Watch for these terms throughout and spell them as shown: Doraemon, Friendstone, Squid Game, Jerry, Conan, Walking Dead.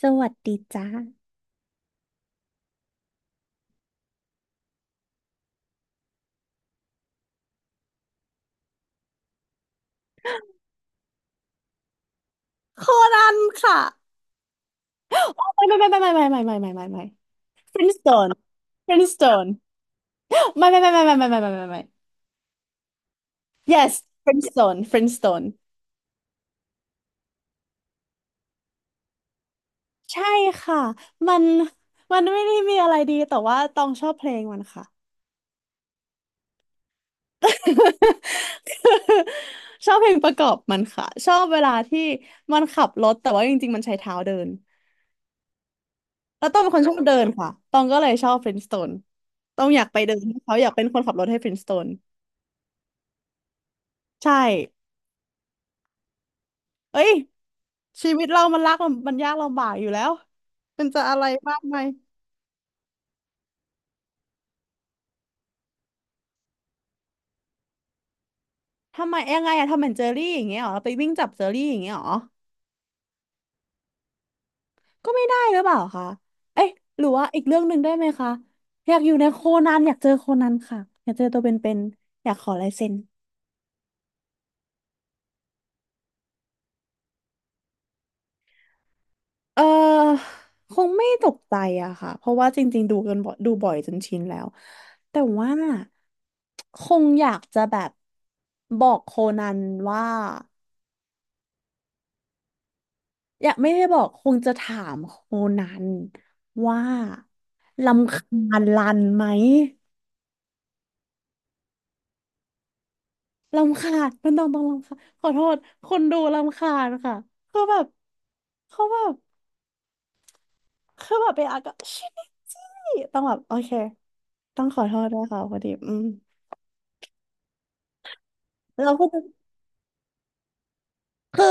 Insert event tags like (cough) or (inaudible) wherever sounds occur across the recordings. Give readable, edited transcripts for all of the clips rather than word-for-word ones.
สวัสดีจ้าโคนันค่ะโอ้ไม่ไม่ไม่ไม่ไม่ไม่ไม่ไม่ไม่ไม่ไม่ Friendstone Friendstone ไม่ไม่ไม่ไม่ไม่ไม่ไม่ไม่ไม่ไม่ yes Friendstone Friendstone ใช่ค่ะมันมันไม่ได้มีอะไรดีแต่ว่าตองชอบเพลงมันค่ะชอบเพลงประกอบมันค่ะชอบเวลาที่มันขับรถแต่ว่าจริงๆมันใช้เท้าเดินแล้วต้องเป็นคนชอบเดินค่ะตองก็เลยชอบ Friendstone ต้องอยากไปเดินให้เขาอยากเป็นคนขับรถให้ Friendstone ใช่เอ้ยชีวิตเรามันรักมันยากลำบากอยู่แล้วมันจะอะไรมากไหมายทำไมยังไงอะทำเหมือนเจอรี่อย่างเงี้ยเหรอไปวิ่งจับเจอรี่อย่างเงี้ยเหรอก็ไม่ได้หรือเปล่าคะเอ๊ะหรือว่าอีกเรื่องหนึ่งได้ไหมคะอยากอยู่ในโคนันอยากเจอโคนันค่ะอยากเจอตัวเป็นๆอยากขอลายเซ็นเออคงไม่ตกใจอะค่ะเพราะว่าจริงๆดูกันบ่อยดูบ่อยจนชินแล้วแต่ว่าคงอยากจะแบบบอกโคนันว่า อยากไม่ได้บอกคงจะถามโคนันว่ารำคาญรันไหมรำคาญมันต้องรำคาญขอโทษคนดูรำคาญค่ะคือแบบเขาแบบคือแบบไปอ่ะก็ชิจี้ต้องแบบโอเคต้องขอโทษด้วยค่ะพอดีแล้วก็คือ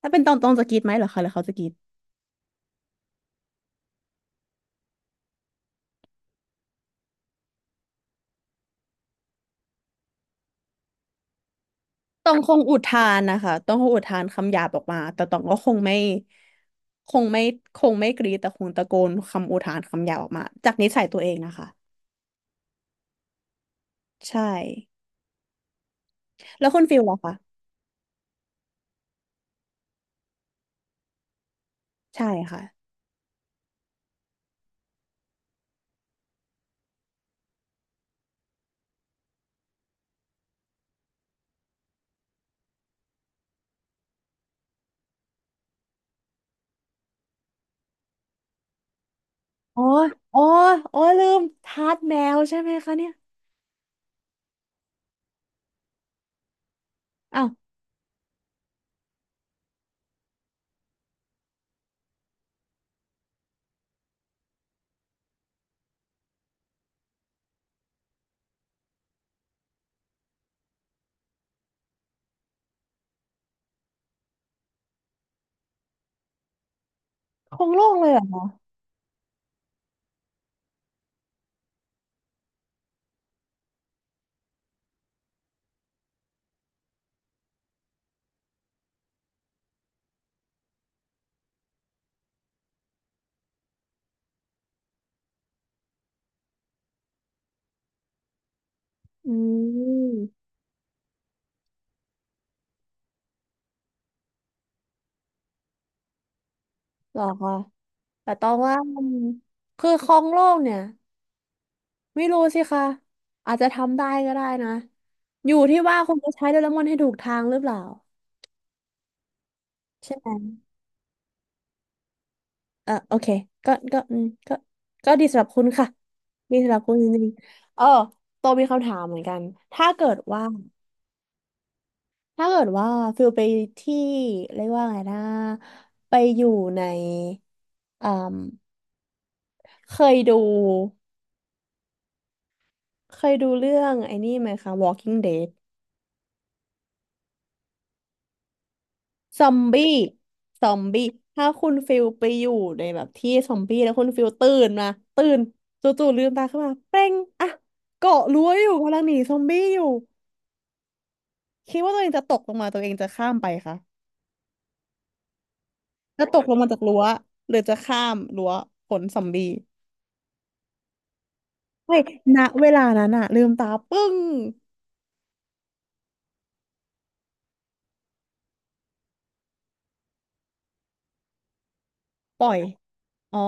ถ้าเป็นตองตองจะกรีดไหมเหรอคะหรือเขาจะกรีด ตองคงอุทานนะคะตองคงอุทานคำหยาบออกมาแต่ตองก็คงไม่คงไม่คงไม่กรีดแต่คงตะโกนคำอุทานคำหยาบออกมาจากนิสัยตัวเองนะคะใช่แล้วคุณฟิลล่ะคะใช่ค่ะอ๋ออ๋ออ๋อลืมทาสแมวใช่ไหมคะเนี่ยอ้าวคงโล่งเลยเหรอคะอืมเหรอคะแต่ตองว่ามันคือคลองโลกเนี่ยไม่รู้สิคะอาจจะทำได้ก็ได้นะอยู่ที่ว่าคุณจะใช้โดเรมอนให้ถูกทางหรือเปล่าใช่ไหม อ่ะโอเคก็ก็ดีสำหรับคุณค่ะดีสำหรับคุณจริงๆเออโตมีคำถามเหมือนกันถ้าเกิดว่าถ้าเกิดว่าฟิลไปที่เรียกว่าไงนะไปอยู่ในอ่มเคยดูเคยดูเรื่องไอ้นี่ไหมคะ Walking Dead ซอมบี้ซอมบี้ถ้าคุณฟิลไปอยู่ในแบบที่ซอมบี้แล้วคุณฟิลตื่นมาตื่นจู่ๆลืมตาขึ้นมาเป้งอ่ะเกาะรั้วอยู่กำลังหนีซอมบี้อยู่ คิดว่าตัวเองจะตกลงมาตัวเองจะข้ามไปคะจะตกลงมาจากรั้วหรือจะข้ามรั้วขนซอมบี้เฮ้ยณเวลานั้นอะลืมตาปึ้งปล่อยอ๋อ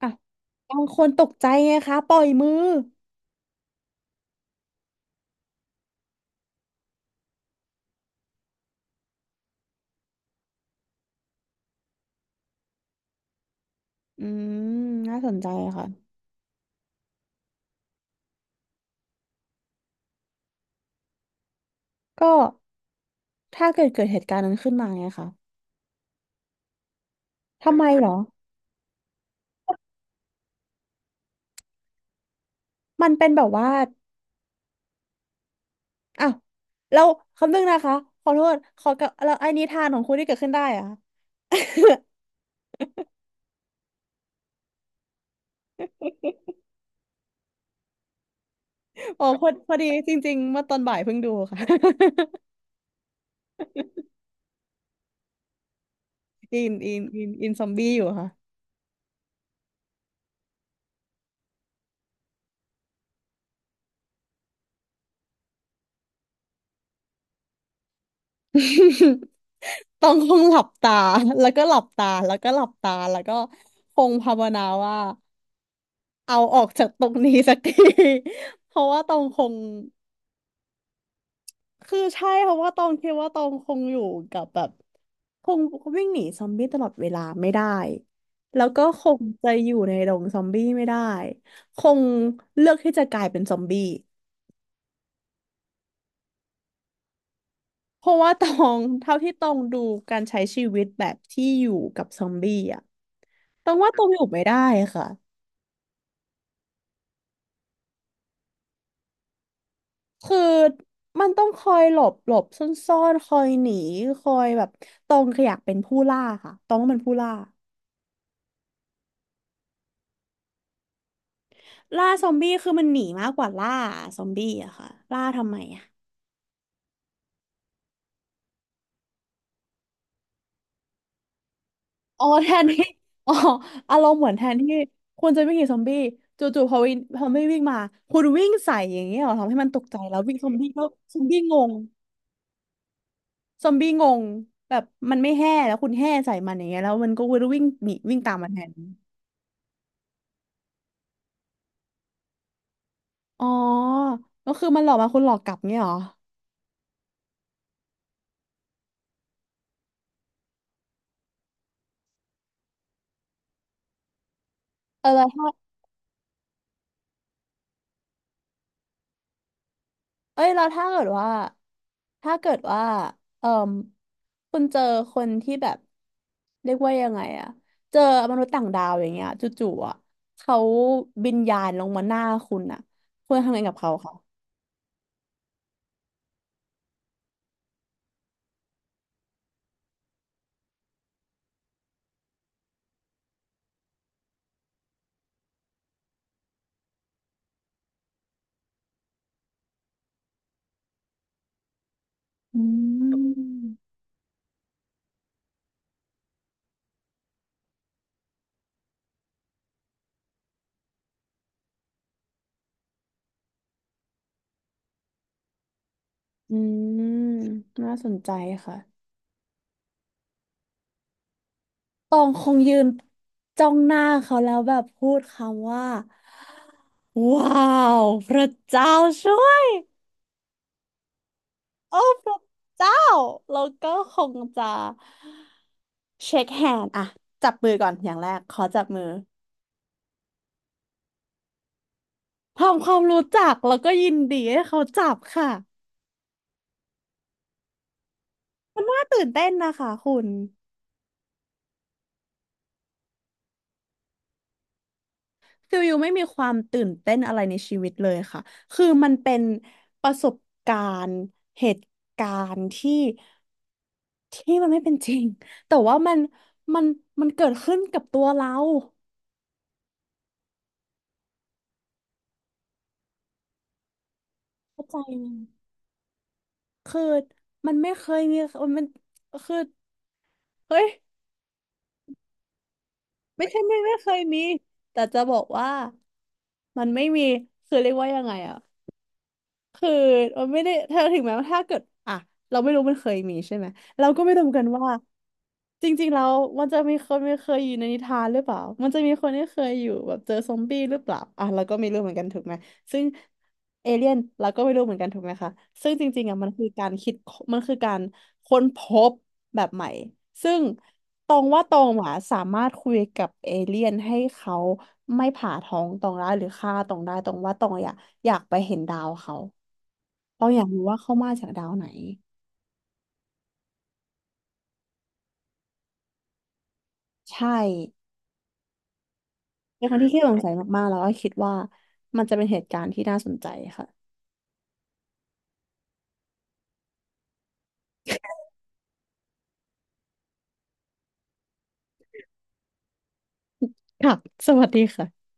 อ่ะบางคนตกใจไงคะปล่อยมืออืมน่าสนใจค่ะก็ถ้าเกิดเกิดเหตุการณ์นั้นขึ้นมาไงคะทำไมเหรอมันเป็นแบบว่าอ้าวเราคำนึงนะคะขอโทษขอกับเราไอ้นิทานของคุณที่เกิดขึ้นได้อะ (laughs) อ๋อพอพอดีจริงๆเมื่อตอนบ่ายเพิ่งดูค่ะ (laughs) อินอินอินอินซอมบี้อยู่ค่ะ (laughs) ต้องคงหลับตาแล้วก็หลับตาแล้วก็หลับตาแล้วก็คงภาวนาว่าเอาออกจากตรงนี้สักที (laughs) เพราะว่าตองคงคือใช่เพราะว่าตองคิดว่าตองคงอยู่กับแบบคงวิ่งหนีซอมบี้ตลอดเวลาไม่ได้แล้วก็คงจะอยู่ในดงซอมบี้ไม่ได้คงเลือกที่จะกลายเป็นซอมบี้ เพราะว่าตองเท่าที่ตองดูการใช้ชีวิตแบบที่อยู่กับซอมบี้อ่ะตองว่าตองอยู่ไม่ได้ค่ะคือมันต้องคอยหลบหลบซ่อนซ่อนคอยหนีคอยแบบตองอยากเป็นผู้ล่าค่ะตองว่ามันผู้ล่าล่าซอมบี้คือมันหนีมากกว่าล่าซอมบี้อะค่ะล่าทำไมอะอ๋อแทนที่อ๋ออารมณ์เหมือนแทนที่คุณจะวิ่งหนีซอมบี้จู่ๆพอวินพอไม่วิ่งมาคุณวิ่งใส่อย่างเงี้ยเหรอทำให้มันตกใจแล้ววิ่งซอมบี้ก็ซอมบี้งง ซอมบี้งงแบบมันไม่แห่แล้วคุณแห่ใส่มันอย่างเงี้ยแล้วมันก็วิ่งหนีวิ่งตามมาแทนอ๋อก็คือมันหลอกมาคุณหลอกกลับเงี้ยเหรอเออแล้วถ้าเอ้ยแล้วถ้าเกิดว่าถ้าเกิดว่าเออคุณเจอคนที่แบบเรียกว่ายังไงอะเจอมนุษย์ต่างดาวอย่างเงี้ยจู่ๆอะเขาบินยานลงมาหน้าคุณอะคุณจะทำไงกับเขาคะอืมอืมน่าสนใจค่ะ ตองคงยืนจ้องหน้าเขาแล้วแบบพูดคำว่าว้าวพระเจ้าช่วยโอ้พระเจ้าแล้วก็คงจะเช็คแฮนด์อะจับมือก่อนอย่างแรกขอจับมือทำความรู้จักแล้วก็ยินดีให้เขาจับค่ะน่าตื่นเต้นนะคะคุณฟิลยูไม่มีความตื่นเต้นอะไรในชีวิตเลยค่ะคือมันเป็นประสบการณ์เหตุการณ์ที่ ที่มันไม่เป็นจริงแต่ว่ามันมันเกิดขึ้นกับตัวเราเข้าใจไหมคือมันไม่เคยมีมันคือเฮ้ยไม่ใช่ไม่ไม่เคยมีแต่จะบอกว่ามันไม่มีคือเรียกว่ายังไงอะ คือเราไม่ได้ถ้าถึงแม้ว่าถ้าเกิดอ่ะเราไม่รู้มันเคยมีใช่ไหมเราก็ไม่รู้เหมือนกันว่าจริงๆแล้วมันจะมีคนไม่เคยอยู่ในนิทานหรือเปล่ามันจะมีคนที่เคยอยู่แบบเจอซอมบี้หรือเปล่าอ่ะเราก็ไม่รู้เหมือนกันถูกไหมซึ่งเอเลี่ยนเราก็ไม่รู้เหมือนกันถูกไหมคะซึ่งจริงๆอ่ะมันคือการคิดมันคือการค้นพบแบบใหม่ซึ่งตรงว่าตรงอ่ะสามารถคุยกับเอเลี่ยนให้เขาไม่ผ่าท้องตองได้หรือฆ่าตองได้ตรงว่าตองอยากอยากไปเห็นดาวเขา เราอยากรู้ว่าเขามาจากดาวไหนใช่ในครั้งที่ขี้สงสัยมากๆแล้วก็คิดว่ามันจะเป็นเหตุการณ์ที่น่าสนใจค่ะค่ะสวัสดีค่ะ